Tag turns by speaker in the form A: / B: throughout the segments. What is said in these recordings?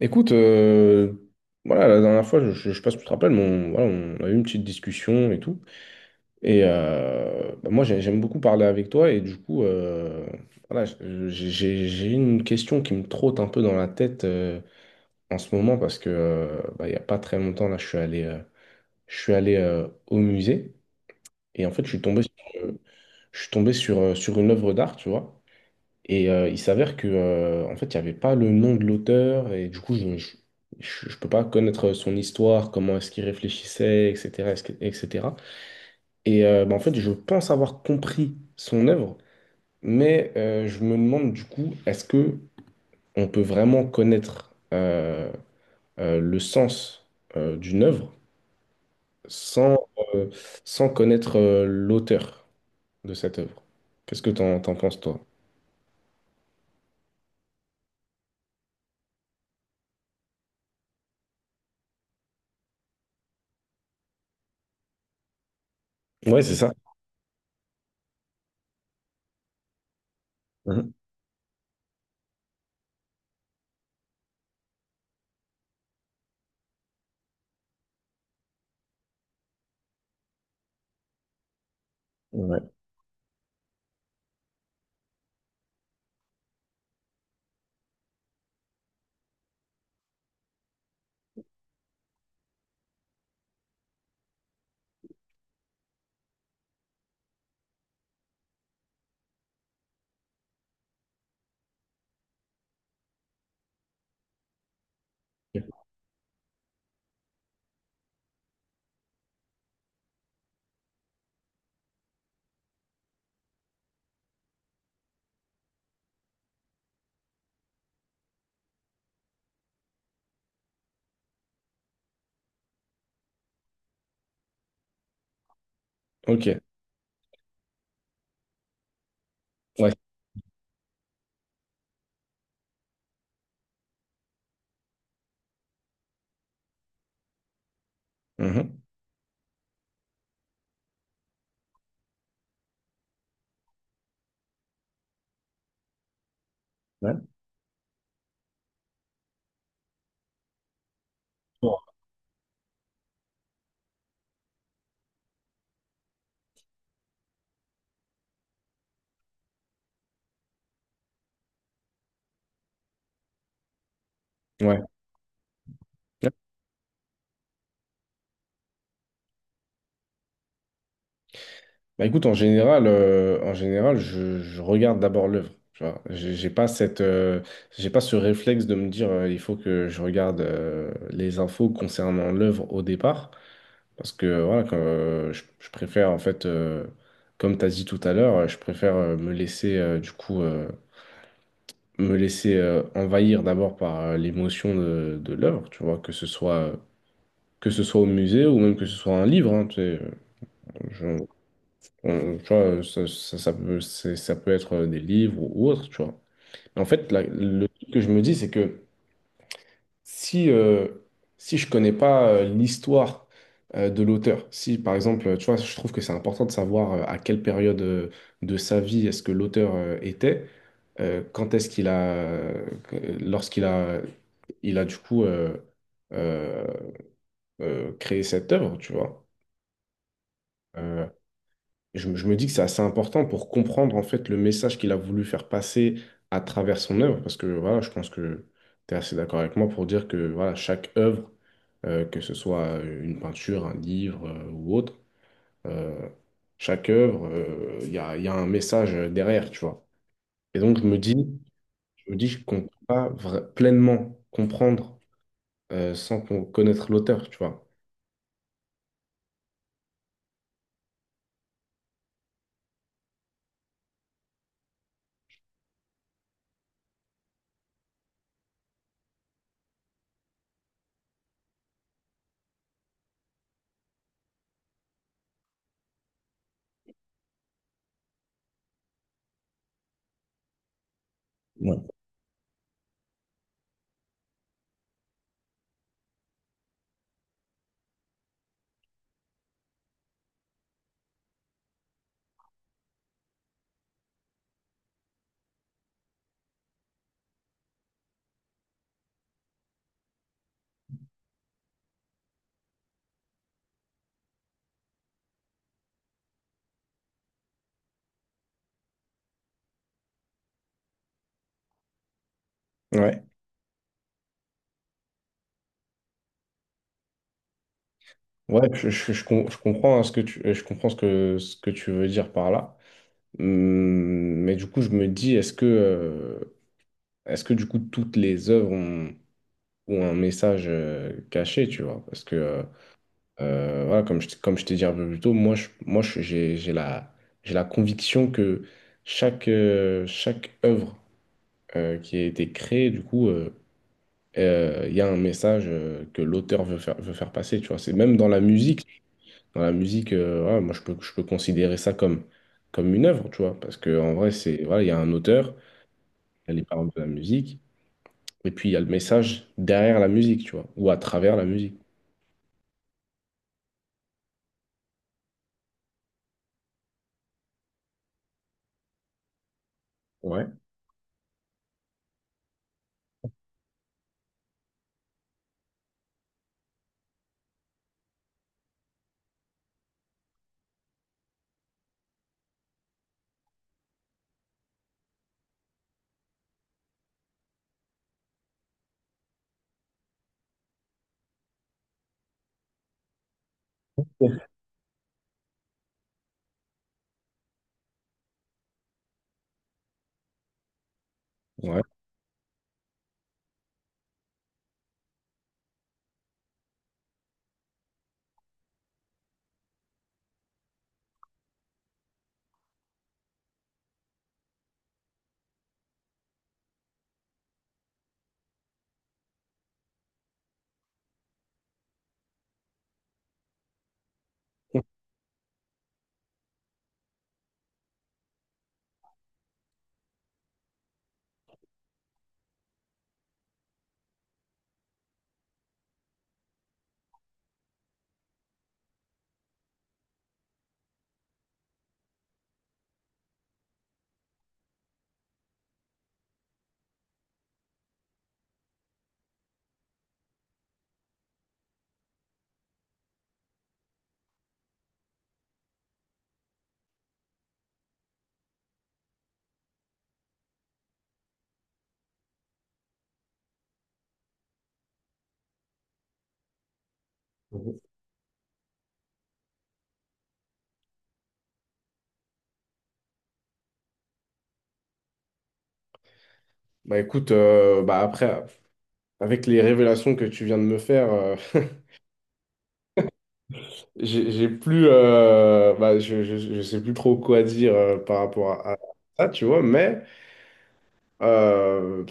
A: Écoute, euh, voilà, la dernière fois, je sais pas si tu te rappelles, mais voilà, on a eu une petite discussion et tout. Et bah, moi, j'aime beaucoup parler avec toi. Et du coup, voilà, j'ai une question qui me trotte un peu dans la tête en ce moment parce que bah, il n'y a pas très longtemps, là, je suis allé au musée. Et en fait, euh, je suis tombé sur, sur une œuvre d'art, tu vois. Et il s'avère que, en fait, il n'y avait pas le nom de l'auteur, et du coup, je ne peux pas connaître son histoire, comment est-ce qu'il réfléchissait, etc., etc. Et bah, en fait, je pense avoir compris son œuvre, mais je me demande du coup, est-ce que on peut vraiment connaître le sens d'une œuvre sans, euh, sans connaître l'auteur de cette œuvre? Qu'est-ce que t'en penses, toi? Ouais, c'est ça. Mhm. Ouais. Ok. Ouais. Mhm. Ouais. Ouais. Ouais. Bah écoute, en général, je regarde d'abord l'œuvre. Tu vois, j'ai pas cette, j'ai pas ce réflexe de me dire, il faut que je regarde les infos concernant l'œuvre au départ, parce que voilà, je préfère en fait, comme tu as dit tout à l'heure, je préfère me laisser me laisser envahir d'abord par l'émotion de l'œuvre, tu vois, que ce soit au musée ou même que ce soit un livre, hein, tu sais, je- On- tu vois, ça peut, ça peut être des livres ou autre, tu vois. En fait, le truc que je me dis, c'est que si, si je connais pas l'histoire de l'auteur, si par exemple, tu vois, je trouve que c'est important de savoir à quelle période de sa vie est-ce que l'auteur était, quand est-ce qu'il a, lorsqu'il a, il a du coup euh, créé cette œuvre, tu vois. Euh, Et je me dis que c'est assez important pour comprendre en fait le message qu'il a voulu faire passer à travers son œuvre, parce que voilà, je pense que tu es assez d'accord avec moi pour dire que voilà, chaque œuvre, que ce soit une peinture, un livre ou autre, euh, chaque œuvre, il y a un message derrière, tu vois. Et donc je me dis qu'on ne peut pas pleinement comprendre sans qu'on connaître l'auteur, tu vois. Ouais, ouais, je je comprends hein, je comprends ce que tu veux dire par là. Mais du coup, je me dis, est-ce que du coup, toutes les œuvres ont, ont un message caché, tu vois? Parce que, voilà, comme je t'ai dit un peu plus tôt, moi, j'ai j'ai la conviction que chaque, chaque œuvre qui a été créée, du coup, il y a un message que l'auteur veut faire passer, tu vois? C'est même dans la musique. Dans la musique, voilà, moi, je peux considérer ça comme, comme une œuvre, tu vois? Parce que, en vrai, c'est, voilà, il y a un auteur. Elle est par exemple de la musique. Et puis, il y a le message derrière la musique, tu vois, ou à travers la musique. Ouais. Ouais. Bah écoute, bah après, avec les révélations que tu viens de me faire, j'ai plus, bah, je sais plus trop quoi dire par rapport à ça, tu vois, mais euh,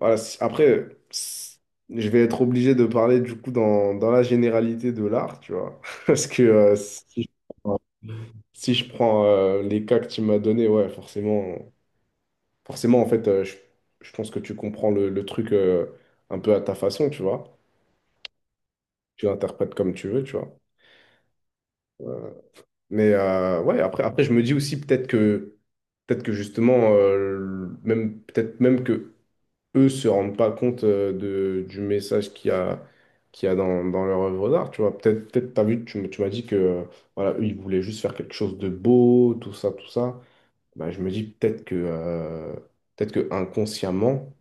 A: voilà, si- je vais être obligé de parler du coup dans, dans la généralité de l'art, tu vois, parce que Si je prends les cas que tu m'as donné, ouais, forcément, forcément, en fait, je pense que tu comprends le truc un peu à ta façon, tu vois. Tu l'interprètes comme tu veux, tu vois. Euh, Mais ouais, après, je me dis aussi peut-être que justement, peut-être même que eux se rendent pas compte du message qu'il y a dans, dans leur œuvre d'art, tu vois. Peut-être, peut-être, t'as vu, tu m'as dit que, voilà, eux, ils voulaient juste faire quelque chose de beau, tout ça, tout ça. Bah, je me dis peut-être que inconsciemment,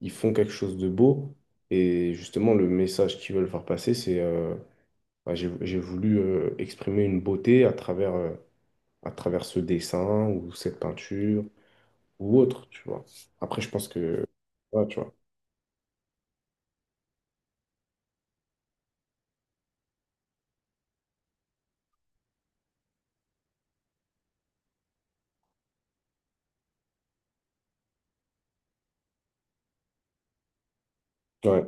A: ils font quelque chose de beau. Et justement, le message qu'ils veulent faire passer, c'est bah, j'ai voulu exprimer une beauté à travers ce dessin ou cette peinture ou autre, tu vois. Après, je pense que. Ouais, tu vois. Ouais.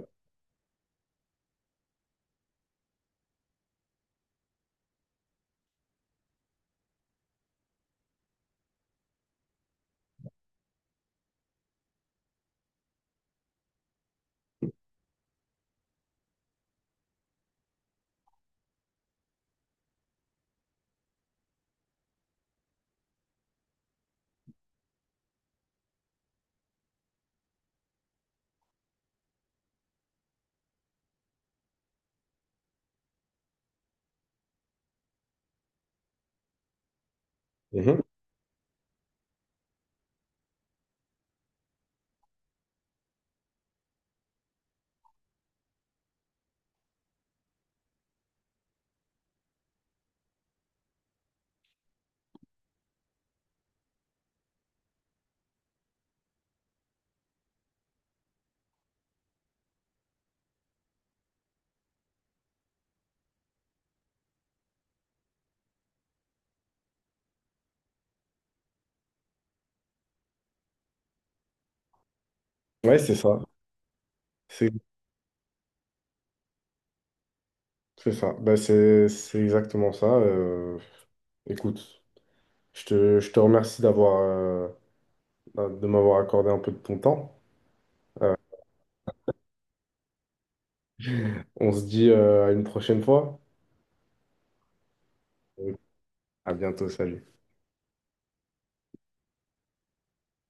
A: Mhm. Ouais, c'est ça. C'est c'est ça. Bah, c'est exactement ça. Écoute, je te remercie d'avoir, de m'avoir accordé un peu de ton temps. On se dit à une prochaine fois. À bientôt, salut.